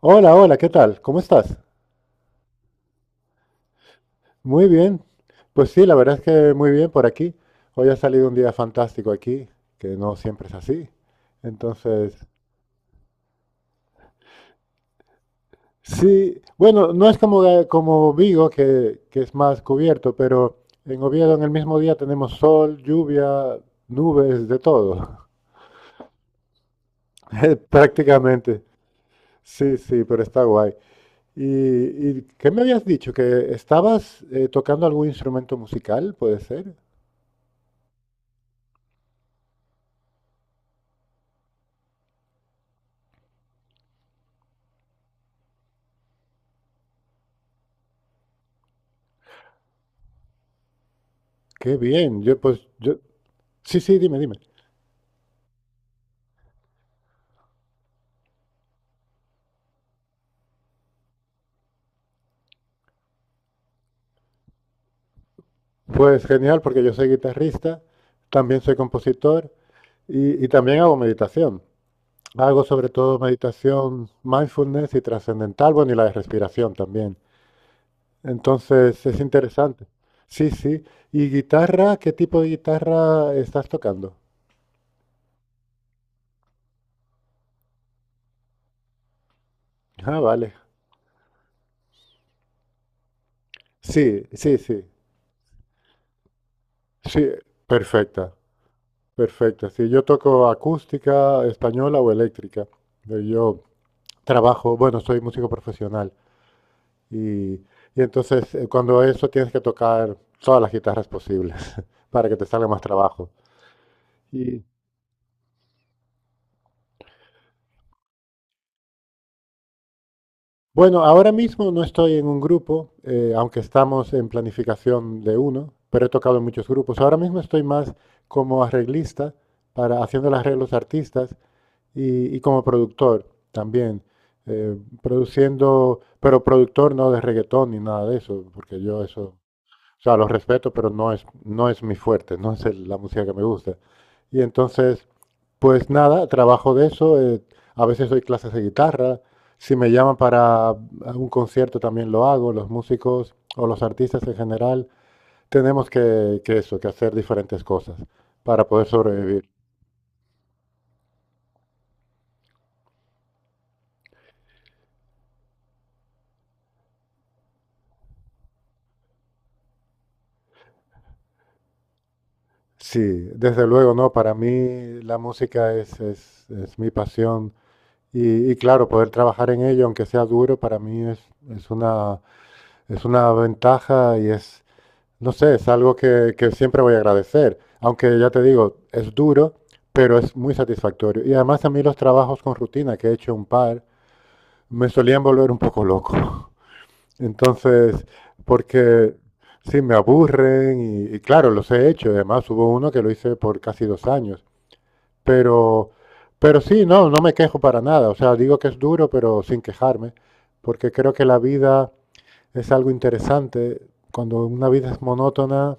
Hola, hola, ¿qué tal? ¿Cómo estás? Muy bien. Pues sí, la verdad es que muy bien por aquí. Hoy ha salido un día fantástico aquí, que no siempre es así. Entonces, sí, bueno, no es como como Vigo, que es más cubierto, pero en Oviedo en el mismo día tenemos sol, lluvia, nubes, de todo. Prácticamente. Sí, sí, pero está guay. ¿Y qué me habías dicho? ¿Que estabas tocando algún instrumento musical, puede ser? Qué bien. Pues, sí, sí, dime. Pues genial, porque yo soy guitarrista, también soy compositor y también hago meditación. Hago sobre todo meditación mindfulness y trascendental, bueno, y la de respiración también. Entonces es interesante. Sí, sí. ¿Y guitarra? ¿Qué tipo de guitarra estás tocando? Ah, vale. Sí, sí, sí. Sí, perfecta, perfecta. Sí, yo toco acústica, española o eléctrica. Yo trabajo, bueno, soy músico profesional y entonces cuando eso tienes que tocar todas las guitarras posibles para que te salga más trabajo. Y bueno, ahora mismo no estoy en un grupo, aunque estamos en planificación de uno, pero he tocado en muchos grupos. Ahora mismo estoy más como arreglista, haciendo los arreglos a artistas y como productor también. Produciendo, pero productor no de reggaetón ni nada de eso, porque yo eso... O sea, los respeto, pero no es mi fuerte, no es la música que me gusta. Y entonces, pues nada, trabajo de eso. A veces doy clases de guitarra. Si me llaman para un concierto también lo hago. Los músicos o los artistas en general tenemos que hacer diferentes cosas para poder sobrevivir. Sí, desde luego, no. Para mí la música es mi pasión y claro, poder trabajar en ello, aunque sea duro, para mí es una Es una ventaja y es no sé, es algo que siempre voy a agradecer. Aunque ya te digo, es duro, pero es muy satisfactorio. Y además a mí los trabajos con rutina, que he hecho un par, me solían volver un poco loco. Entonces, porque sí, me aburren y claro, los he hecho. Además hubo uno que lo hice por casi 2 años. Pero, pero sí, no, no me quejo para nada. O sea, digo que es duro, pero sin quejarme, porque creo que la vida es algo interesante. Cuando una vida es monótona,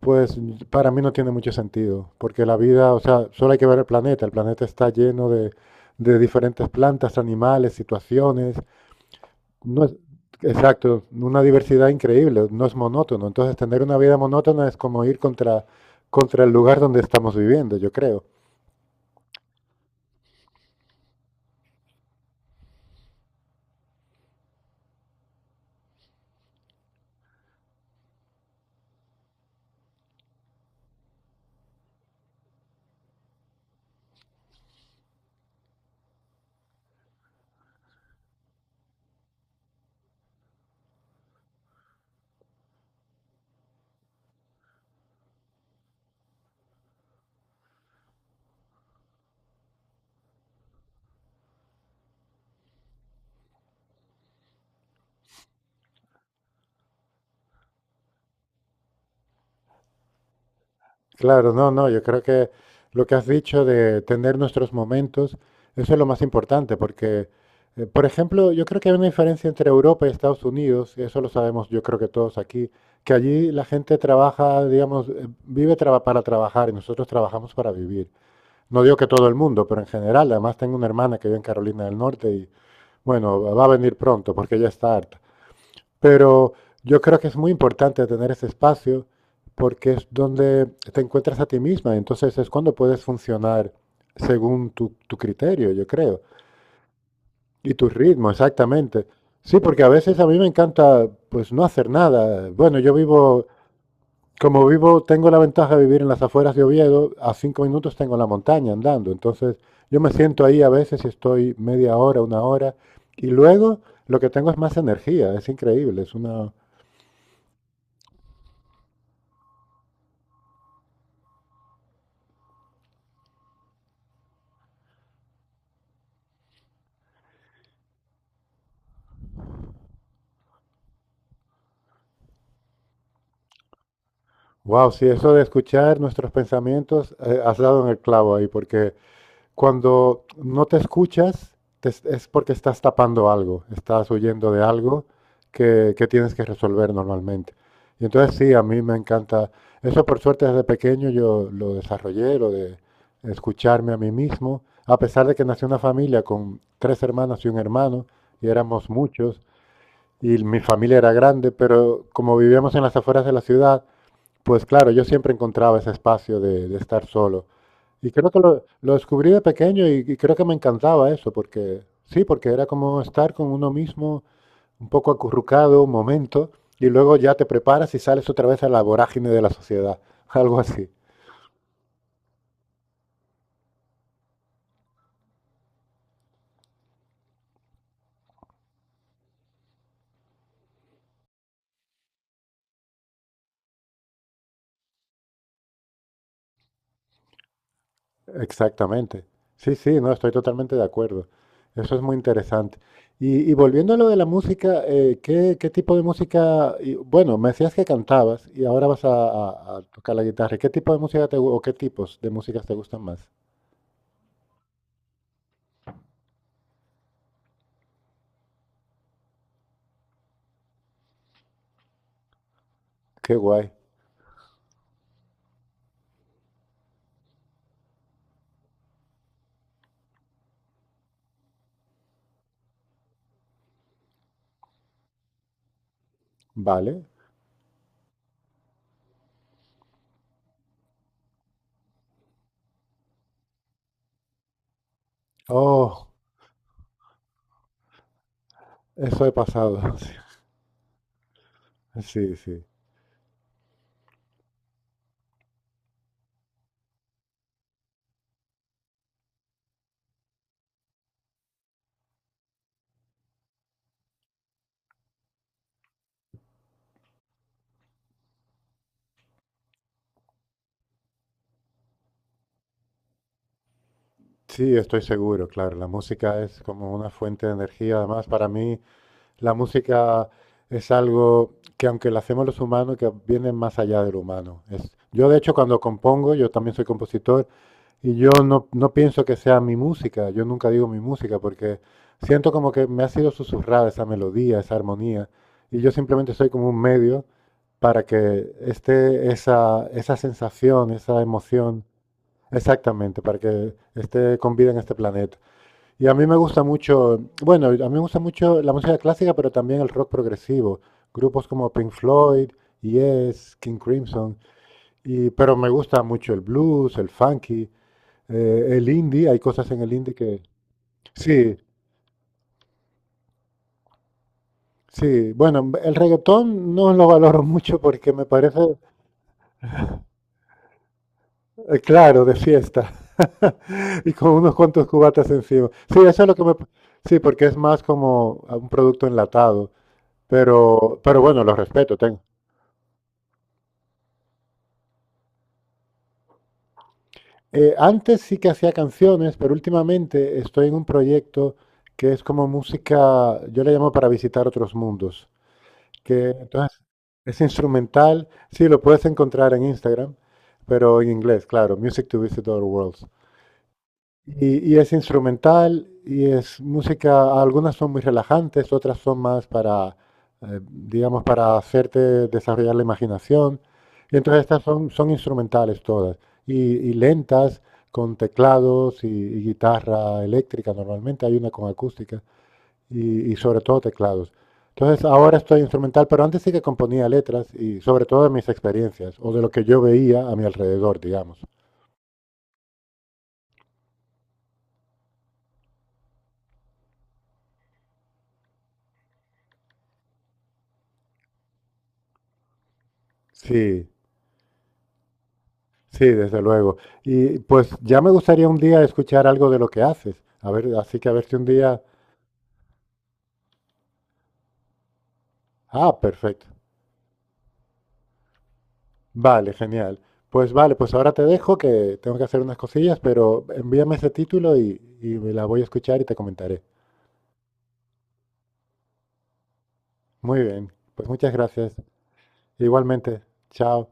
pues para mí no tiene mucho sentido, porque la vida, o sea, solo hay que ver el planeta está lleno de diferentes plantas, animales, situaciones. No es, exacto, una diversidad increíble, no es monótono. Entonces tener una vida monótona es como ir contra el lugar donde estamos viviendo, yo creo. Claro, no, no, yo creo que lo que has dicho de tener nuestros momentos, eso es lo más importante, porque, por ejemplo, yo creo que hay una diferencia entre Europa y Estados Unidos, y eso lo sabemos yo creo que todos aquí, que allí la gente trabaja, digamos, para trabajar y nosotros trabajamos para vivir. No digo que todo el mundo, pero en general, además tengo una hermana que vive en Carolina del Norte y, bueno, va a venir pronto porque ya está harta. Pero yo creo que es muy importante tener ese espacio porque es donde te encuentras a ti misma. Entonces es cuando puedes funcionar según tu criterio, yo creo. Y tu ritmo, exactamente. Sí, porque a veces a mí me encanta pues no hacer nada. Bueno, yo vivo, como vivo, tengo la ventaja de vivir en las afueras de Oviedo, a 5 minutos tengo la montaña andando. Entonces yo me siento ahí a veces y estoy media hora, una hora, y luego lo que tengo es más energía, es increíble, es una... Wow, sí, eso de escuchar nuestros pensamientos, has dado en el clavo ahí, porque cuando no te escuchas, te es porque estás tapando algo, estás huyendo de algo que tienes que resolver normalmente. Y entonces sí, a mí me encanta, eso por suerte desde pequeño yo lo desarrollé, lo de escucharme a mí mismo, a pesar de que nací en una familia con tres hermanas y un hermano, y éramos muchos, y mi familia era grande, pero como vivíamos en las afueras de la ciudad, pues claro, yo siempre encontraba ese espacio de estar solo. Y creo que lo descubrí de pequeño y creo que me encantaba eso, porque sí, porque era como estar con uno mismo un poco acurrucado un momento y luego ya te preparas y sales otra vez a la vorágine de la sociedad, algo así. Exactamente. Sí, sí, no, estoy totalmente de acuerdo. Eso es muy interesante. Y volviendo a lo de la música, ¿qué tipo de música? Y, bueno, me decías que cantabas y ahora vas a tocar la guitarra. ¿Qué tipo de música o qué tipos de músicas te gustan más? Qué guay. Vale. Oh, eso he pasado. Sí, sí. Sí, estoy seguro, claro. La música es como una fuente de energía. Además, para mí, la música es algo que aunque la hacemos los humanos, que viene más allá del humano. Yo de hecho cuando compongo, yo también soy compositor y yo no pienso que sea mi música, yo nunca digo mi música porque siento como que me ha sido susurrada esa melodía, esa armonía y yo simplemente soy como un medio para que esté esa sensación, esa emoción, exactamente, para que esté con vida en este planeta. Y a mí me gusta mucho, bueno, a mí me gusta mucho la música clásica, pero también el rock progresivo. Grupos como Pink Floyd, Yes, King Crimson. Y, pero me gusta mucho el blues, el funky, el indie. Hay cosas en el indie que... Sí, sí. Bueno, el reggaetón no lo valoro mucho porque me parece, claro, de fiesta. Y con unos cuantos cubatas encima. Sí, eso es lo que me... Sí, porque es más como un producto enlatado. Pero bueno, lo respeto, tengo. Antes sí que hacía canciones, pero últimamente estoy en un proyecto que es como música, yo le llamo para visitar otros mundos, que entonces es instrumental, sí, lo puedes encontrar en Instagram, pero en inglés, claro, Music to Visit Other Worlds. Y es instrumental y es música, algunas son muy relajantes, otras son más para, digamos, para hacerte desarrollar la imaginación. Y entonces estas son instrumentales todas y lentas con teclados y guitarra eléctrica normalmente, hay una con acústica y sobre todo teclados. Entonces ahora estoy instrumental, pero antes sí que componía letras y sobre todo de mis experiencias o de lo que yo veía a mi alrededor, digamos. Sí. Sí, desde luego. Y pues ya me gustaría un día escuchar algo de lo que haces. A ver, así que a ver si un día... Ah, perfecto. Vale, genial. Pues vale, pues ahora te dejo que tengo que hacer unas cosillas, pero envíame ese título y me la voy a escuchar y te comentaré. Muy bien, pues muchas gracias. Igualmente, chao.